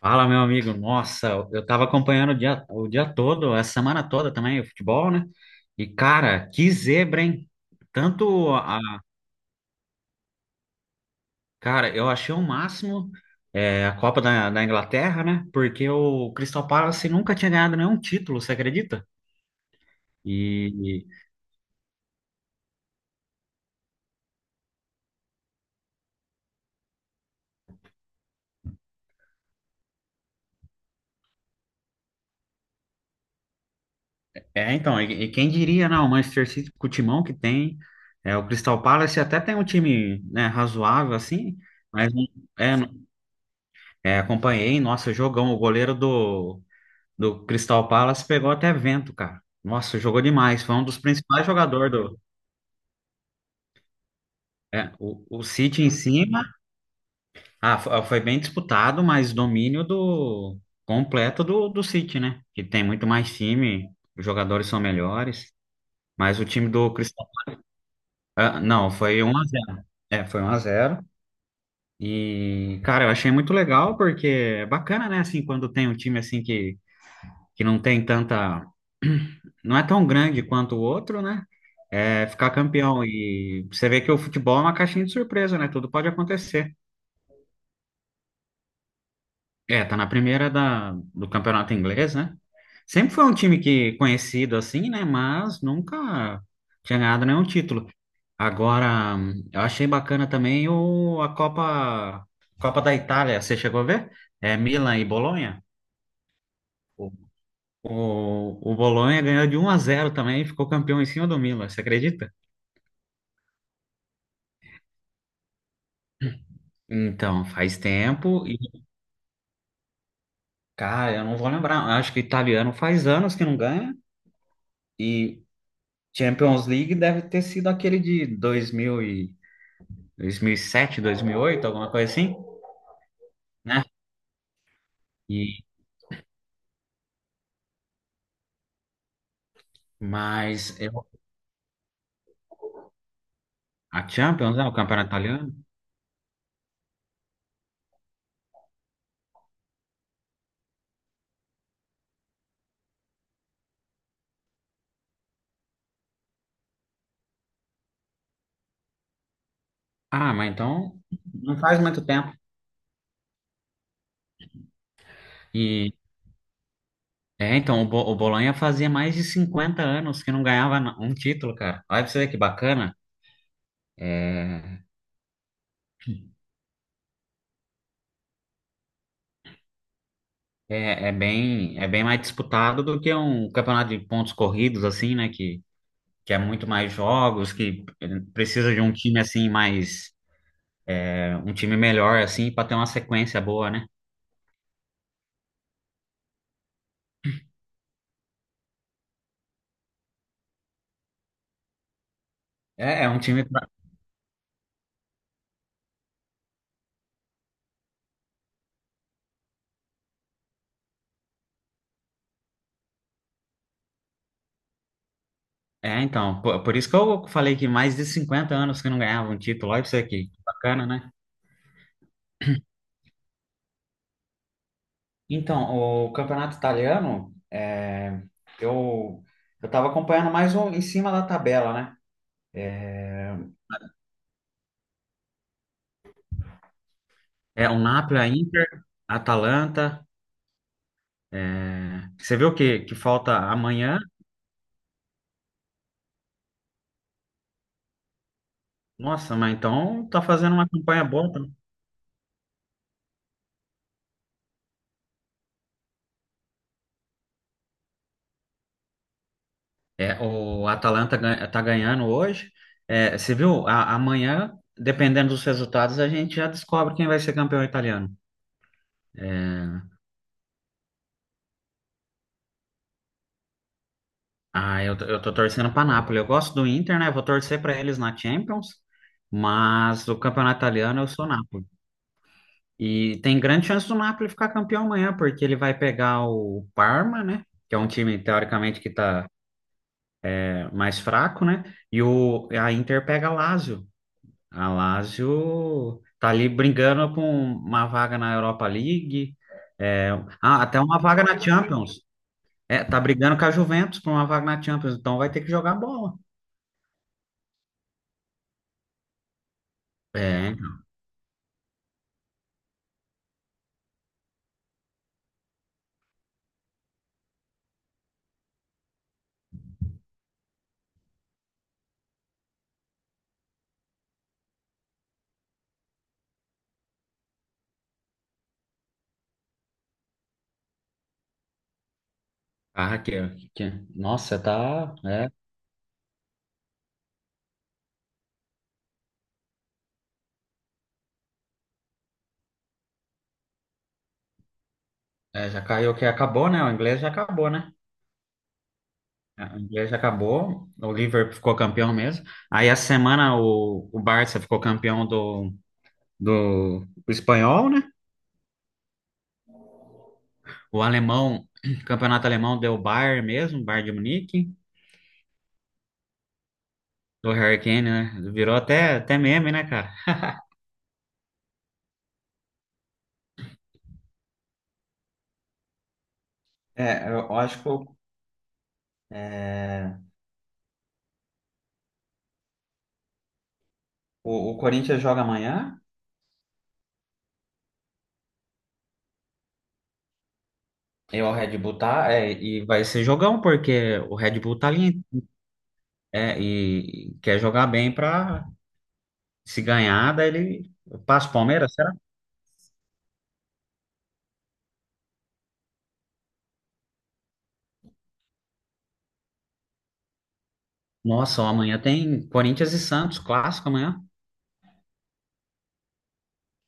Fala, meu amigo. Nossa, eu tava acompanhando o dia todo, a semana toda também, o futebol, né? E, cara, que zebra, hein? Tanto a. Cara, eu achei o máximo a Copa da Inglaterra, né? Porque o Crystal Palace nunca tinha ganhado nenhum título, você acredita? E. É, então, e quem diria, não? O Manchester City, com o timão que tem, o Crystal Palace até tem um time, né, razoável, assim, mas. É, é, acompanhei, nossa, jogão, o goleiro do Crystal Palace pegou até vento, cara. Nossa, jogou demais. Foi um dos principais jogadores do. O City em cima. Ah, foi bem disputado, mas domínio do completo do City, né? Que tem muito mais time, os jogadores são melhores. Mas o time do Crystal. Ah, não, foi 1-0. É, foi 1-0. E, cara, eu achei muito legal, porque é bacana, né? Assim, quando tem um time assim que não tem tanta, não é tão grande quanto o outro, né? É ficar campeão. E você vê que o futebol é uma caixinha de surpresa, né? Tudo pode acontecer. É, tá na primeira da, do campeonato inglês, né? Sempre foi um time que conhecido assim, né? Mas nunca tinha ganhado nenhum título. Agora, eu achei bacana também o, a Copa da Itália. Você chegou a ver? É Milan e Bolonha. O Bolonha ganhou de 1-0 também e ficou campeão em cima do Milan, você acredita? Então, faz tempo e, cara, eu não vou lembrar. Eu acho que o italiano faz anos que não ganha e Champions League deve ter sido aquele de 2000 e, 2007, oito alguma coisa assim, né? E, mas eu, a Champions, né, o campeonato italiano? Ah, mas então não faz muito tempo. E então, o Bolonha fazia mais de 50 anos que não ganhava um título, cara. Olha pra você ver que bacana. É, é bem mais disputado do que um campeonato de pontos corridos, assim, né? Que é muito mais jogos, que precisa de um time assim mais, um time melhor, assim, para ter uma sequência boa, né? É um time. É, então, por isso que eu falei que mais de 50 anos que não ganhava um título, olha isso aqui, que bacana, né? Então, o campeonato italiano, eu, eu estava acompanhando mais um em cima da tabela, né? É o Napoli, a Inter, a Atalanta. Você vê o que que falta amanhã? Nossa, mas então tá fazendo uma campanha boa, tá? É, o Atalanta tá ganhando hoje. É, você viu? Amanhã, dependendo dos resultados, a gente já descobre quem vai ser campeão italiano. É, ah, eu tô torcendo pra Napoli. Eu gosto do Inter, né? Vou torcer pra eles na Champions, mas o campeonato italiano eu sou Napoli. E tem grande chance do Napoli ficar campeão amanhã, porque ele vai pegar o Parma, né? Que é um time, teoricamente, que tá mais fraco, né? E o, a Inter pega a Lazio. A Lazio tá ali brigando com uma vaga na Europa League, é, ah, até uma vaga na Champions. É, tá brigando com a Juventus por uma vaga na Champions, então vai ter que jogar bola. É, ah, nossa, tá, já caiu que acabou, né? O inglês já acabou, né? É, o inglês já acabou, o Liverpool ficou campeão mesmo. Aí a semana o Barça ficou campeão do espanhol, né? O alemão, campeonato alemão deu Bayern mesmo, Bayern de Munique, do Harry Kane, né? Virou até meme, né, cara? É, eu acho que é, o Corinthians joga amanhã e o Red Bull tá, e vai ser jogão, porque o Red Bull tá ali, é, e quer jogar bem pra se ganhar, daí ele passa o Palmeiras, será? Nossa, ó, amanhã tem Corinthians e Santos, clássico amanhã.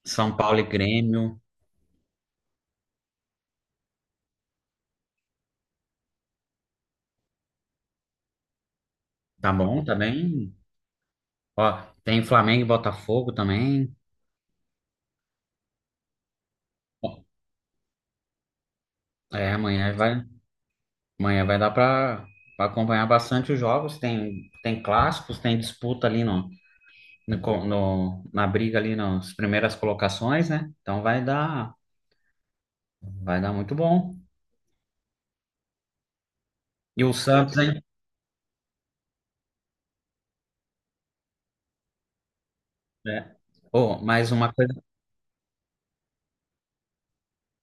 São Paulo e Grêmio, tá bom, tá bem. Ó, tem Flamengo e Botafogo também. É, amanhã vai dar para acompanhar bastante os jogos. Tem clássicos, tem disputa ali na briga ali nas primeiras colocações, né? Então vai dar muito bom. E o Santos, hein? É. Oh, mais uma coisa,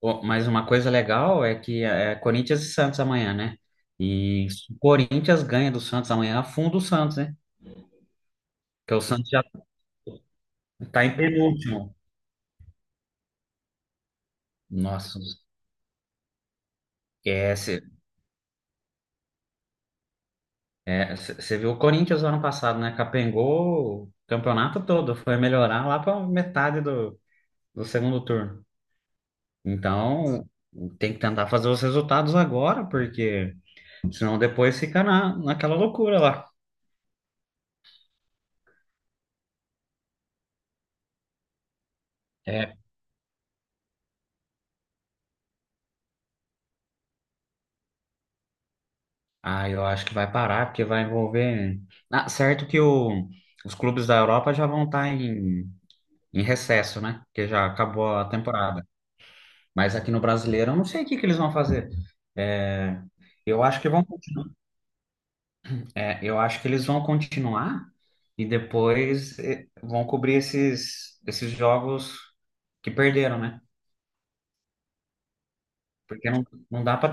oh, mais uma coisa legal é que é Corinthians e Santos amanhã, né? E se o Corinthians ganha do Santos amanhã, afunda o Santos, né? Porque o Santos já tá em penúltimo. Nossa, esquece. Você viu o Corinthians no ano passado, né? Capengou o campeonato todo, foi melhorar lá para metade do segundo turno. Então, tem que tentar fazer os resultados agora, porque senão depois fica naquela loucura lá. É. Ah, eu acho que vai parar, porque vai envolver. Ah, certo que os clubes da Europa já vão estar em recesso, né? Porque já acabou a temporada. Mas aqui no Brasileiro, eu não sei o que que eles vão fazer. É, eu acho que vão. É, eu acho que eles vão continuar e depois vão cobrir esses jogos que perderam, né? Porque não dá para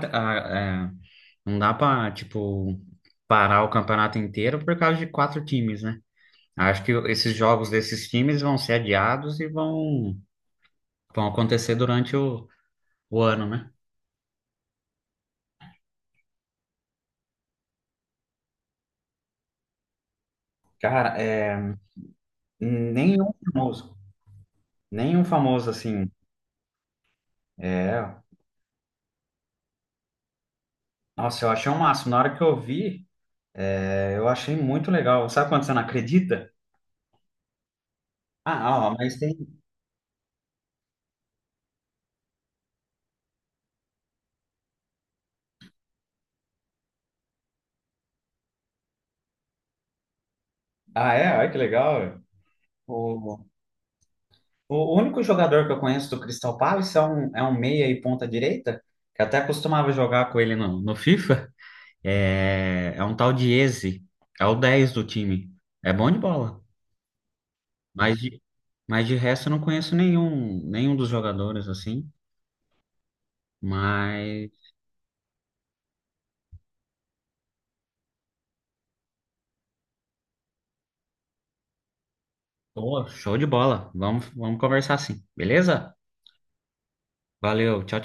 não dá para tipo parar o campeonato inteiro por causa de quatro times, né? Acho que esses jogos desses times vão ser adiados e vão acontecer durante o ano, né? Cara, nenhum famoso, nenhum famoso assim. É, nossa, eu achei o máximo. Na hora que eu vi. É, eu achei muito legal. Sabe quando você não acredita? Ah, ah, mas tem. Ah, é? Olha que legal. O, o único jogador que eu conheço do Crystal Palace é um meia e ponta direita, que até costumava jogar com ele no FIFA. É um tal de Eze. É o 10 do time. É bom de bola. Mas de, mas de resto eu não conheço nenhum dos jogadores assim. Mas, pô, show de bola. Vamos conversar assim, beleza? Valeu, tchau, tchau.